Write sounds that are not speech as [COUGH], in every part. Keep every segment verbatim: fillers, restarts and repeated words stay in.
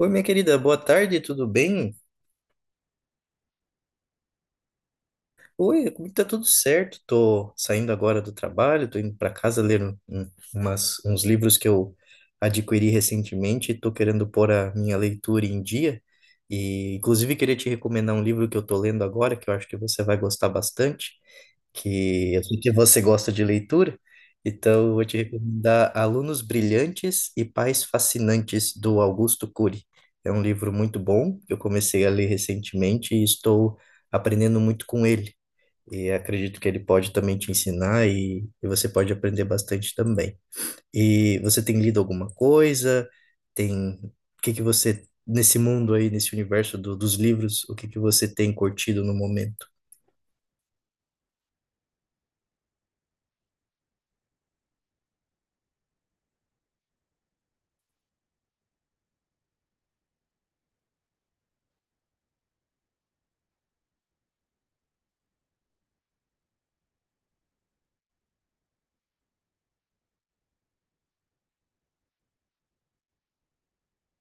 Oi, minha querida, boa tarde, tudo bem? Oi, comigo tá tudo certo. Tô saindo agora do trabalho, tô indo para casa ler um- um- umas, uns livros que eu adquiri recentemente. Tô querendo pôr a minha leitura em dia. E, inclusive, queria te recomendar um livro que eu tô lendo agora, que eu acho que você vai gostar bastante, que eu sei que você gosta de leitura. Então, eu vou te recomendar Alunos Brilhantes e Pais Fascinantes, do Augusto Cury. É um livro muito bom, que eu comecei a ler recentemente e estou aprendendo muito com ele. E acredito que ele pode também te ensinar e, e você pode aprender bastante também. E você tem lido alguma coisa? Tem, o que que você, nesse mundo aí, nesse universo do- dos livros, o que que você tem curtido no momento?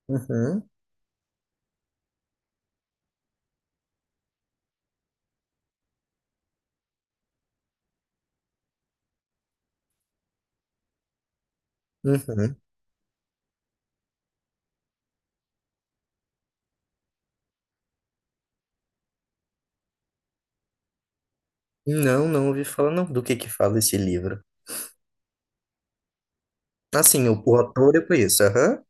Uhum, uhum. Não, não ouvi falar não. Do que que fala esse livro? Assim, o, o autor eu conheço, aham. [LAUGHS]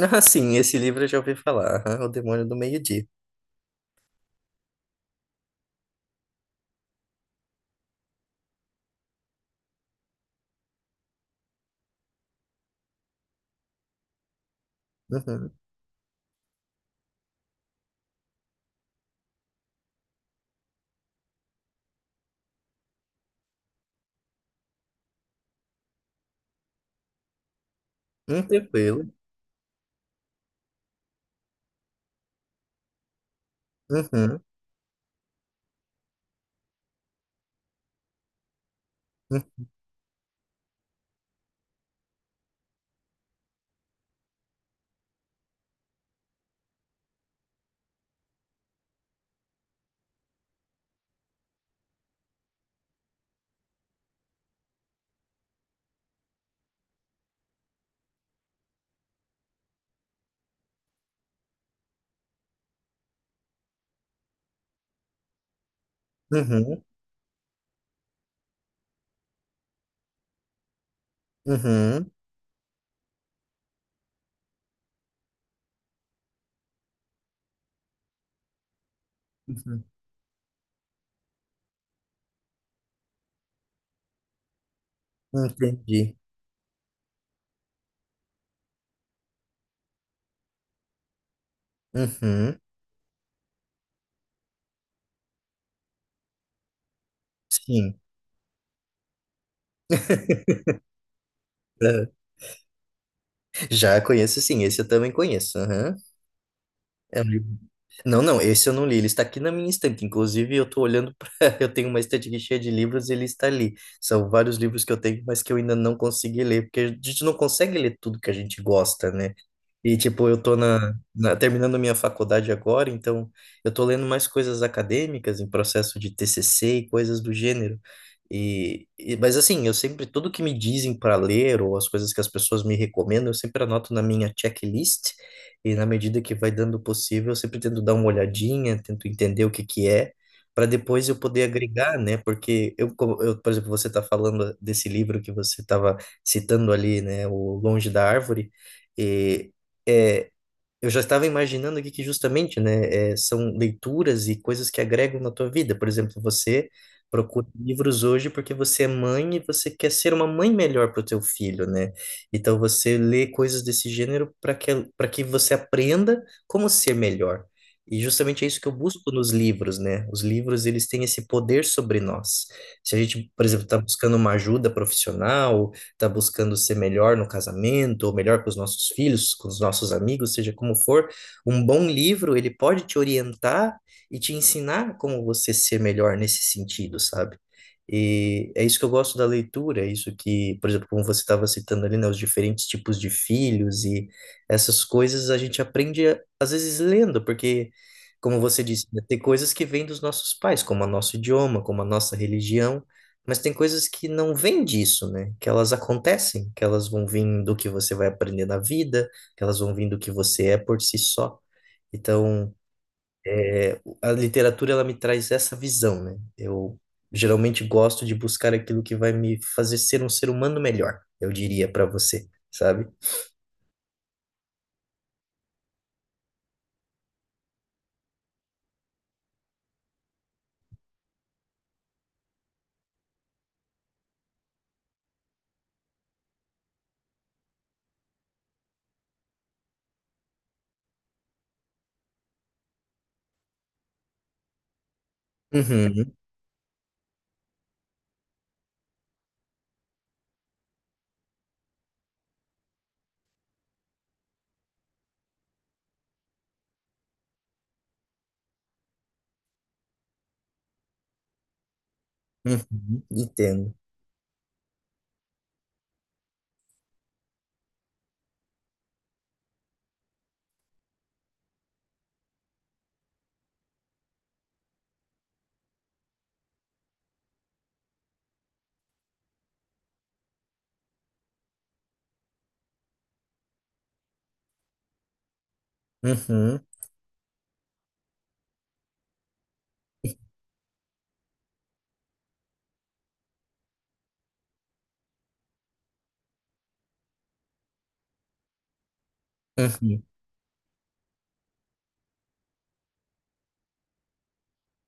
Ah, sim, esse livro eu já ouvi falar, aham, O Demônio do Meio-Dia. Uhum. Hum, tranquilo. Uhum. Hum. Uhum. Uhum. Uhum. Entendi. Uhum. Sim. [LAUGHS] Já conheço, sim, esse eu também conheço, aham. É um livro. Não, não, esse eu não li, ele está aqui na minha estante. Inclusive, eu tô olhando para. [LAUGHS] Eu tenho uma estante aqui cheia de livros e ele está ali. São vários livros que eu tenho, mas que eu ainda não consegui ler, porque a gente não consegue ler tudo que a gente gosta, né? E, tipo, eu tô na, na- terminando minha faculdade agora, então eu tô lendo mais coisas acadêmicas em processo de T C C e coisas do gênero. E, e- mas assim, eu sempre, tudo que me dizem para ler ou as coisas que as pessoas me recomendam, eu sempre anoto na minha checklist e na medida que vai dando possível, eu sempre tento dar uma olhadinha, tento entender o que que é, para depois eu poder agregar, né? Porque eu, como- eu, por exemplo, você está falando desse livro que você estava citando ali, né, O Longe da Árvore, é, eu já estava imaginando aqui que justamente, né, é, são leituras e coisas que agregam na tua vida. Por exemplo, você procura livros hoje porque você é mãe e você quer ser uma mãe melhor para o teu filho, né? Então você lê coisas desse gênero para que para que você aprenda como ser melhor. E justamente é isso que eu busco nos livros, né? Os livros, eles têm esse poder sobre nós. Se a gente, por exemplo, está buscando uma ajuda profissional, está buscando ser melhor no casamento, ou melhor com os nossos filhos, com os nossos amigos, seja como for, um bom livro, ele pode te orientar e te ensinar como você ser melhor nesse sentido, sabe? E é isso que eu gosto da leitura, é isso que, por exemplo, como você estava citando ali, né, os diferentes tipos de filhos e essas coisas a gente aprende, às vezes, lendo, porque, como você disse, né, tem coisas que vêm dos nossos pais, como o nosso idioma, como a nossa religião, mas tem coisas que não vêm disso, né? Que elas acontecem, que elas vão vir do que você vai aprender na vida, que elas vão vir do que você é por si só. Então, é, a literatura ela me traz essa visão, né? Eu geralmente gosto de buscar aquilo que vai me fazer ser um ser humano melhor, eu diria para você, sabe? Uhum, uhum, entendo. Uhum, uhum,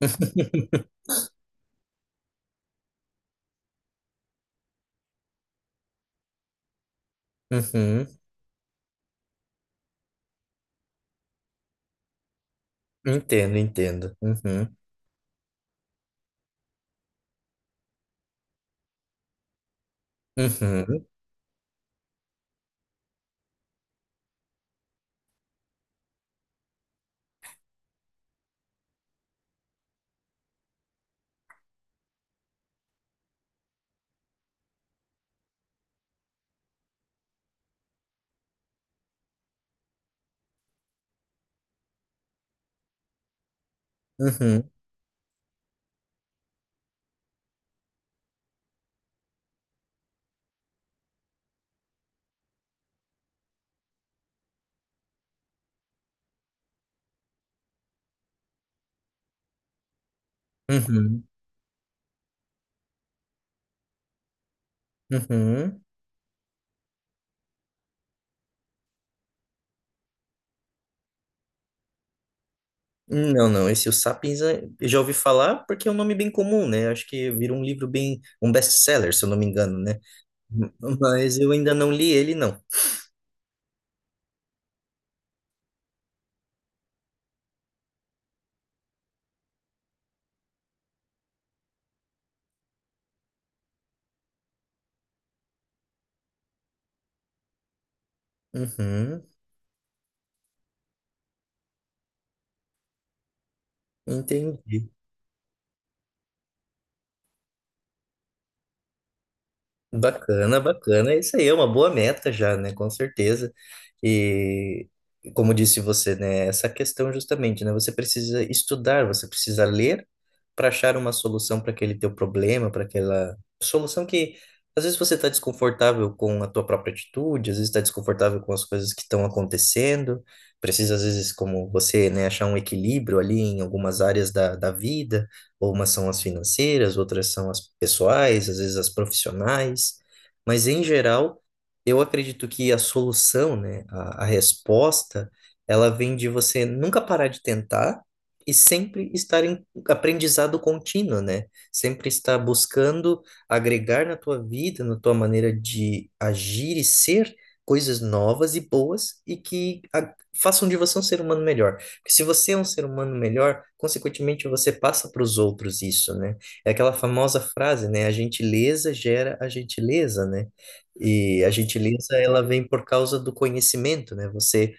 [LAUGHS] uhum, entendo, entendo. Uhum, uhum, uhum, uhum, uhum. Não, não, esse O Sapiens é- eu já ouvi falar porque é um nome bem comum, né? Acho que virou um livro bem, um best-seller, se eu não me engano, né? [LAUGHS] M- mas eu ainda não li ele, não. Uhum, entendi. Bacana, bacana. É. Isso aí é uma boa meta já, né? Com certeza. E como disse você, né? Essa questão justamente, né? Você precisa estudar, você precisa ler para achar uma solução para aquele teu problema, para aquela solução que às vezes você está desconfortável com a tua própria atitude, às vezes está desconfortável com as coisas que estão acontecendo. Precisa às vezes, como você, né? Achar um equilíbrio ali em algumas áreas da, da vida. Ou umas são as financeiras, outras são as pessoais, às vezes as profissionais. Mas, em geral, eu acredito que a solução, né, a, a resposta, ela vem de você nunca parar de tentar e sempre estar em aprendizado contínuo, né? Sempre estar buscando agregar na tua vida, na tua maneira de agir e ser coisas novas e boas e que a- façam de você um ser humano melhor. Porque se você é um ser humano melhor, consequentemente você passa para os outros isso, né? É aquela famosa frase, né? A gentileza gera a gentileza, né? E a gentileza, ela vem por causa do conhecimento, né? Você,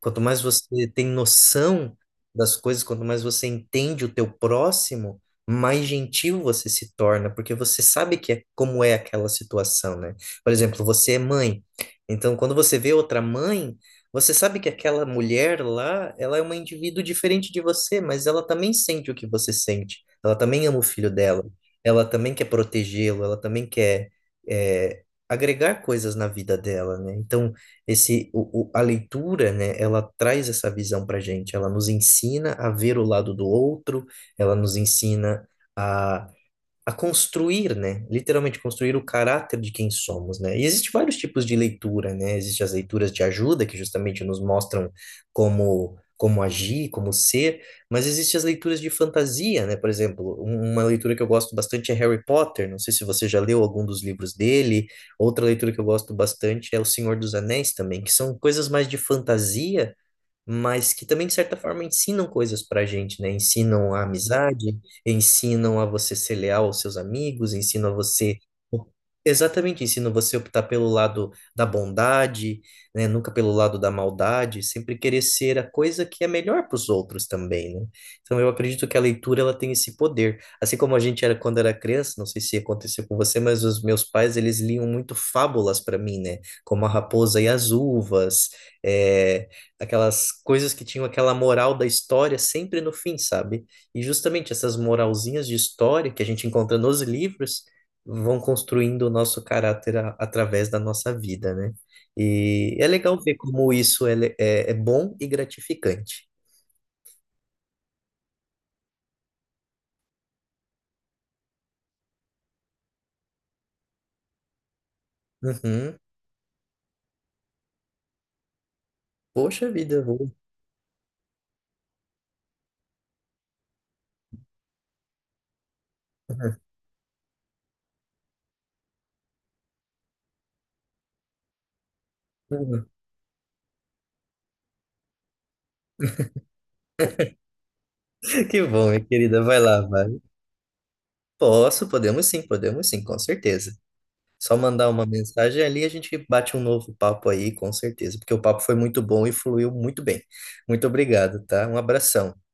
quanto mais você tem noção das coisas, quanto mais você entende o teu próximo, mais gentil você se torna, porque você sabe que é, como é aquela situação, né? Por exemplo, você é mãe. Então, quando você vê outra mãe, você sabe que aquela mulher lá, ela é uma indivíduo diferente de você, mas ela também sente o que você sente. Ela também ama o filho dela. Ela também quer protegê-lo. Ela também quer é, agregar coisas na vida dela, né? Então, esse, o, o- a leitura, né? Ela traz essa visão pra gente. Ela nos ensina a ver o lado do outro. Ela nos ensina a construir, né? Literalmente construir o caráter de quem somos, né? E existem vários tipos de leitura, né? Existem as leituras de ajuda, que justamente nos mostram como como agir, como ser, mas existem as leituras de fantasia, né? Por exemplo, um- uma leitura que eu gosto bastante é Harry Potter, não sei se você já leu algum dos livros dele. Outra leitura que eu gosto bastante é O Senhor dos Anéis também, que são coisas mais de fantasia, mas que também, de certa forma, ensinam coisas pra gente, né? Ensinam a amizade, ensinam a você ser leal aos seus amigos, ensinam a você. Exatamente, ensinam você a optar pelo lado da bondade, né? Nunca pelo lado da maldade, sempre querer ser a coisa que é melhor para os outros também, né? Então eu acredito que a leitura ela tem esse poder. Assim como a gente era quando era criança, não sei se aconteceu com você, mas os meus pais eles liam muito fábulas para mim, né? Como a Raposa e as Uvas, eh, aquelas coisas que tinham aquela moral da história sempre no fim, sabe? E justamente essas moralzinhas de história que a gente encontra nos livros vão construindo o nosso caráter a- através da nossa vida, né? E é legal ver como isso é, le- é, é bom e gratificante. Uhum. Poxa vida, eu vou. [LAUGHS] Que bom, minha querida. Vai lá, vai. Posso, podemos sim, podemos sim, com certeza. Só mandar uma mensagem ali, a gente bate um novo papo aí, com certeza, porque o papo foi muito bom e fluiu muito bem. Muito obrigado, tá? Um abração.